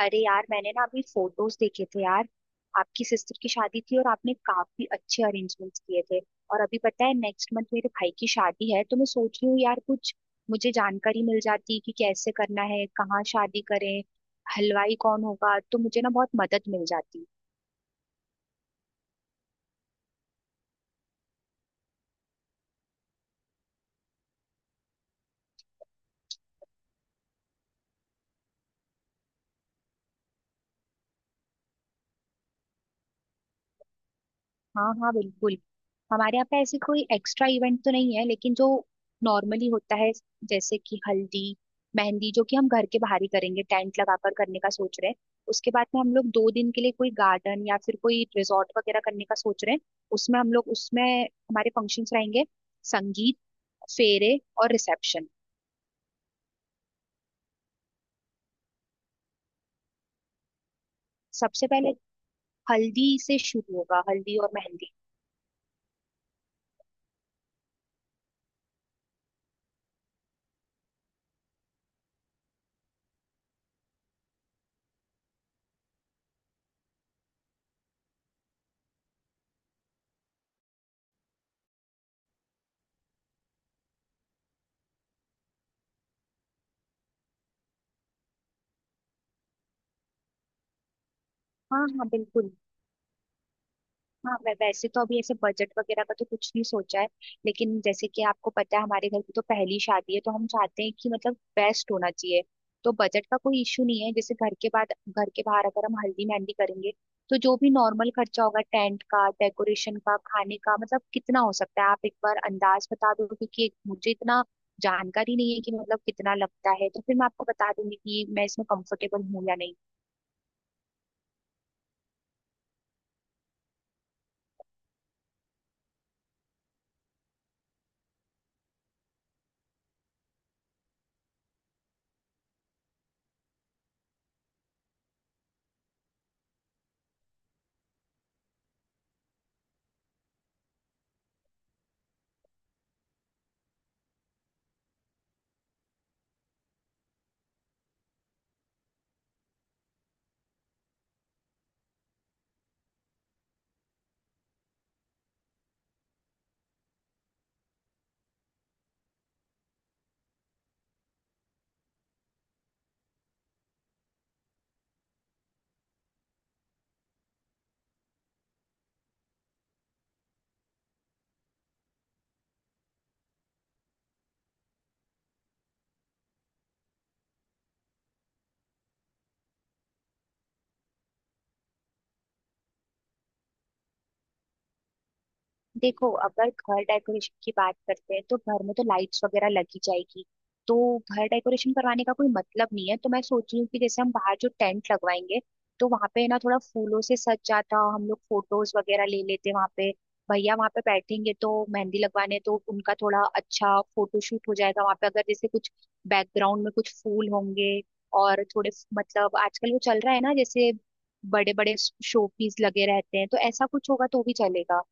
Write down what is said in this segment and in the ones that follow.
अरे यार मैंने ना अभी फोटोज देखे थे यार। आपकी सिस्टर की शादी थी और आपने काफी अच्छे अरेंजमेंट्स किए थे। और अभी पता है नेक्स्ट मंथ मेरे भाई की शादी है, तो मैं सोच रही हूँ यार कुछ मुझे जानकारी मिल जाती कि कैसे करना है, कहाँ शादी करें, हलवाई कौन होगा, तो मुझे ना बहुत मदद मिल जाती। हाँ हाँ बिल्कुल। हमारे यहाँ पे ऐसी कोई एक्स्ट्रा इवेंट तो नहीं है, लेकिन जो नॉर्मली होता है जैसे कि हल्दी मेहंदी, जो कि हम घर के बाहर ही करेंगे, टेंट लगाकर करने का सोच रहे हैं। उसके बाद में हम लोग दो दिन के लिए कोई गार्डन या फिर कोई रिजॉर्ट वगैरह करने का सोच रहे हैं। उसमें हम लोग, उसमें हमारे फंक्शंस रहेंगे, संगीत, फेरे और रिसेप्शन। सबसे पहले हल्दी से शुरू होगा, हल्दी और मेहंदी। हाँ हाँ बिल्कुल। हाँ वैसे तो अभी ऐसे बजट वगैरह का तो कुछ नहीं सोचा है, लेकिन जैसे कि आपको पता है हमारे घर की तो पहली शादी है, तो हम चाहते हैं कि मतलब बेस्ट होना चाहिए। तो बजट का कोई इशू नहीं है। जैसे घर के बाद, घर के बाहर अगर हम हल्दी मेहंदी करेंगे तो जो भी नॉर्मल खर्चा होगा, टेंट का, डेकोरेशन का, खाने का, मतलब कितना हो सकता है आप एक बार अंदाज बता दो, क्योंकि मुझे इतना जानकारी नहीं है कि मतलब कितना लगता है। तो फिर मैं आपको बता दूंगी कि मैं इसमें कंफर्टेबल हूँ या नहीं। देखो अगर घर डेकोरेशन की बात करते हैं तो घर में तो लाइट्स वगैरह लगी जाएगी, तो घर डेकोरेशन करवाने का कोई मतलब नहीं है। तो मैं सोच रही हूँ कि जैसे हम बाहर जो टेंट लगवाएंगे, तो वहां पे ना थोड़ा फूलों से सज जाता, हम लोग फोटोज वगैरह ले लेते वहां पे। भैया वहां पे बैठेंगे तो मेहंदी लगवाने, तो उनका थोड़ा अच्छा फोटोशूट हो जाएगा वहां पे, अगर जैसे कुछ बैकग्राउंड में कुछ फूल होंगे और थोड़े, मतलब आजकल वो चल रहा है ना जैसे बड़े बड़े शोपीस लगे रहते हैं, तो ऐसा कुछ होगा तो भी चलेगा।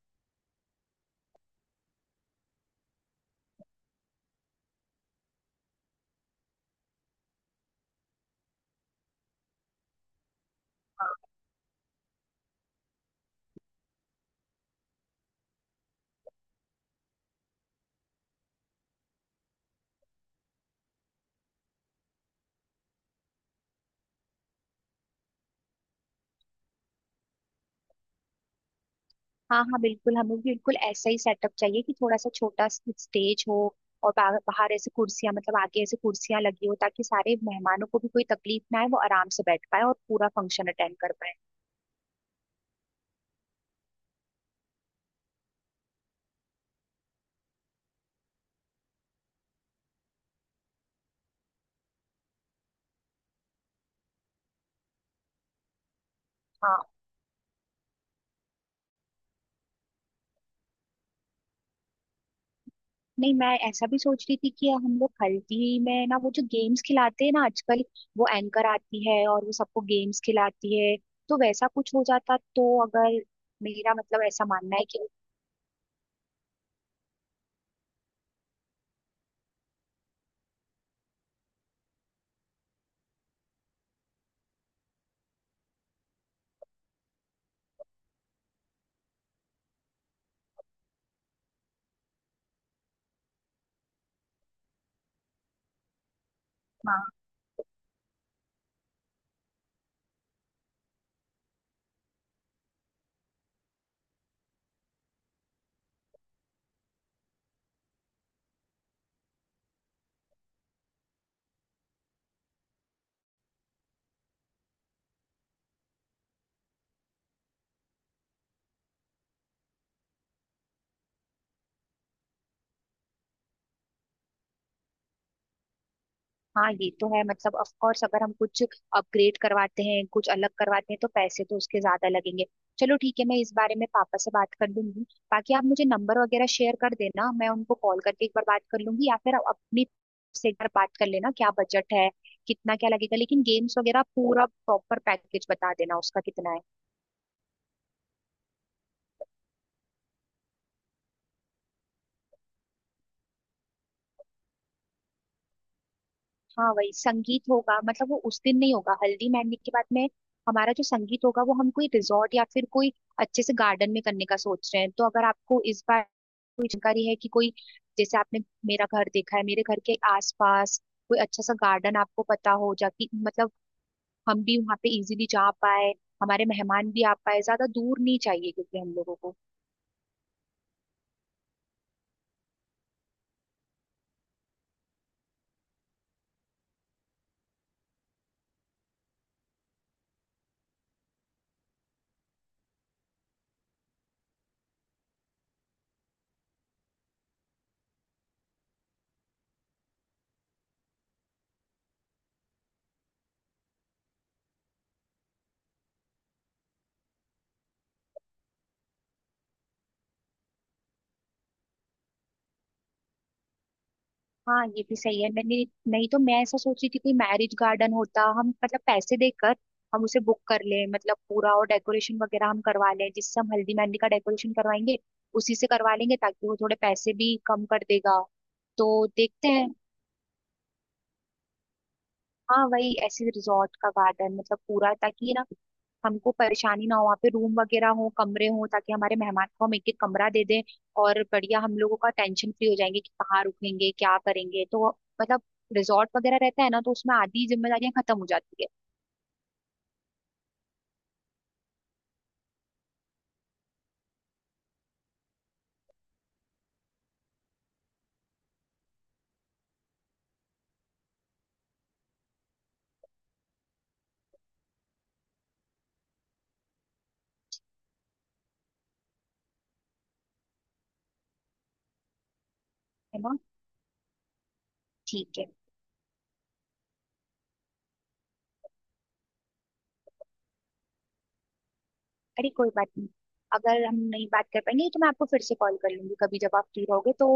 हाँ हाँ बिल्कुल, हमें भी बिल्कुल ऐसा ही सेटअप चाहिए कि थोड़ा सा छोटा स्टेज हो और बाहर ऐसे कुर्सियां, मतलब आगे ऐसे कुर्सियां लगी हो ताकि सारे मेहमानों को भी कोई तकलीफ ना आए, वो आराम से बैठ पाए और पूरा फंक्शन अटेंड कर पाए। हाँ, नहीं मैं ऐसा भी सोच रही थी कि हम लोग हल्दी में ना वो जो गेम्स खिलाते हैं ना आजकल, वो एंकर आती है और वो सबको गेम्स खिलाती है, तो वैसा कुछ हो जाता तो, अगर मेरा मतलब ऐसा मानना है कि। हाँ हाँ ये तो है, मतलब ऑफ कोर्स अगर हम कुछ अपग्रेड करवाते हैं, कुछ अलग करवाते हैं तो पैसे तो उसके ज्यादा लगेंगे। चलो ठीक है, मैं इस बारे में पापा से बात कर लूंगी। बाकी आप मुझे नंबर वगैरह शेयर कर देना, मैं उनको कॉल करके एक बार बात कर लूंगी, या फिर आप अपनी से एक बार बात कर लेना क्या बजट है, कितना क्या लगेगा। लेकिन गेम्स वगैरह पूरा प्रॉपर पैकेज बता देना उसका कितना है। हाँ वही संगीत होगा, मतलब वो उस दिन नहीं होगा। हल्दी मेहंदी के बाद में हमारा जो संगीत होगा, वो हम कोई रिजॉर्ट या फिर कोई अच्छे से गार्डन में करने का सोच रहे हैं। तो अगर आपको इस बार कोई जानकारी है कि कोई, जैसे आपने मेरा घर देखा है, मेरे घर के आसपास कोई अच्छा सा गार्डन आपको पता हो, जाकि मतलब हम भी वहाँ पे इजीली जा पाए, हमारे मेहमान भी आ पाए, ज्यादा दूर नहीं चाहिए क्योंकि हम लोगों को। हाँ ये भी सही है। मैंने, नहीं तो मैं ऐसा सोच रही थी कोई मैरिज गार्डन होता, हम मतलब पैसे देकर हम उसे बुक कर लें, मतलब पूरा, और डेकोरेशन वगैरह हम करवा लें। जिससे हम हल्दी मेहंदी का डेकोरेशन करवाएंगे उसी से करवा लेंगे, ताकि वो थोड़े पैसे भी कम कर देगा। तो देखते हैं। हाँ वही, ऐसे रिजॉर्ट का गार्डन, मतलब पूरा, ताकि ना हमको परेशानी ना हो, वहाँ पे रूम वगैरह हो, कमरे हो, ताकि हमारे मेहमान को हम एक एक कमरा दे दें, और बढ़िया हम लोगों का टेंशन फ्री हो जाएंगे कि कहाँ रुकेंगे, क्या करेंगे। तो मतलब रिजॉर्ट वगैरह रहता है ना, तो उसमें आधी जिम्मेदारियां खत्म हो जाती है। है ना। ठीक है। अरे कोई बात नहीं, अगर हम नहीं बात कर पाएंगे तो मैं आपको फिर से कॉल कर लूंगी कभी, जब आप फ्री रहोगे तो।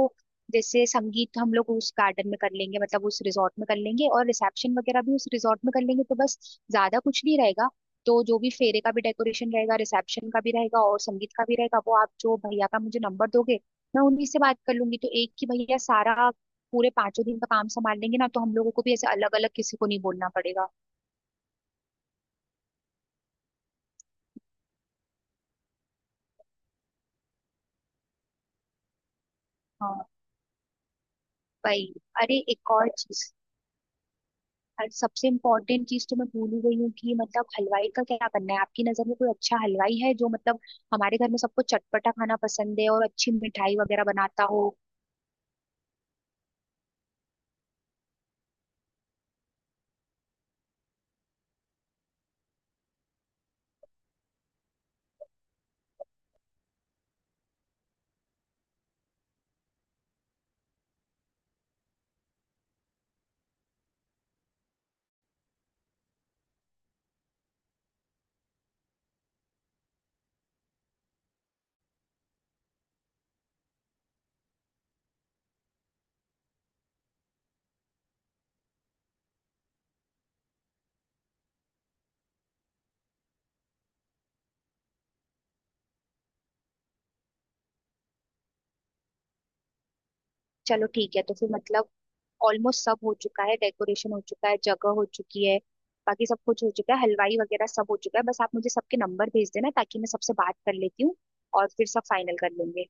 जैसे संगीत हम लोग उस गार्डन में कर लेंगे, मतलब उस रिजॉर्ट में कर लेंगे, और रिसेप्शन वगैरह भी उस रिजॉर्ट में कर लेंगे, तो बस ज्यादा कुछ नहीं रहेगा। तो जो भी फेरे का भी डेकोरेशन रहेगा, रिसेप्शन का भी रहेगा और संगीत का भी रहेगा, वो आप जो भैया का मुझे नंबर दोगे, मैं उन्हीं से बात कर लूंगी, तो एक ही भैया सारा पूरे पांचों दिन का काम संभाल लेंगे ना, तो हम लोगों को भी ऐसे अलग अलग किसी को नहीं बोलना पड़ेगा। हाँ भाई। अरे एक और चीज, और सबसे इम्पोर्टेंट चीज तो मैं भूल ही गई हूँ, कि मतलब हलवाई का क्या बनना है। आपकी नजर में कोई अच्छा हलवाई है जो मतलब, हमारे घर में सबको चटपटा खाना पसंद है और अच्छी मिठाई वगैरह बनाता हो। चलो ठीक है, तो फिर मतलब ऑलमोस्ट सब हो चुका है, डेकोरेशन हो चुका है, जगह हो चुकी है, बाकी सब कुछ हो चुका है, हलवाई वगैरह सब हो चुका है। बस आप मुझे सबके नंबर भेज देना ताकि मैं सबसे बात कर लेती हूँ, और फिर सब फाइनल कर लेंगे।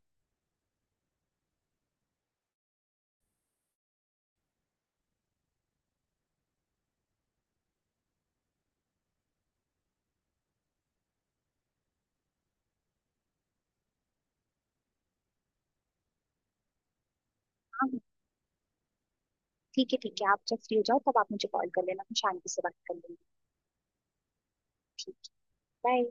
हाँ ठीक है ठीक है, आप जब फ्री हो जाओ तब आप मुझे कॉल कर लेना, हम शांति से बात कर लेंगे। ठीक है। बाय।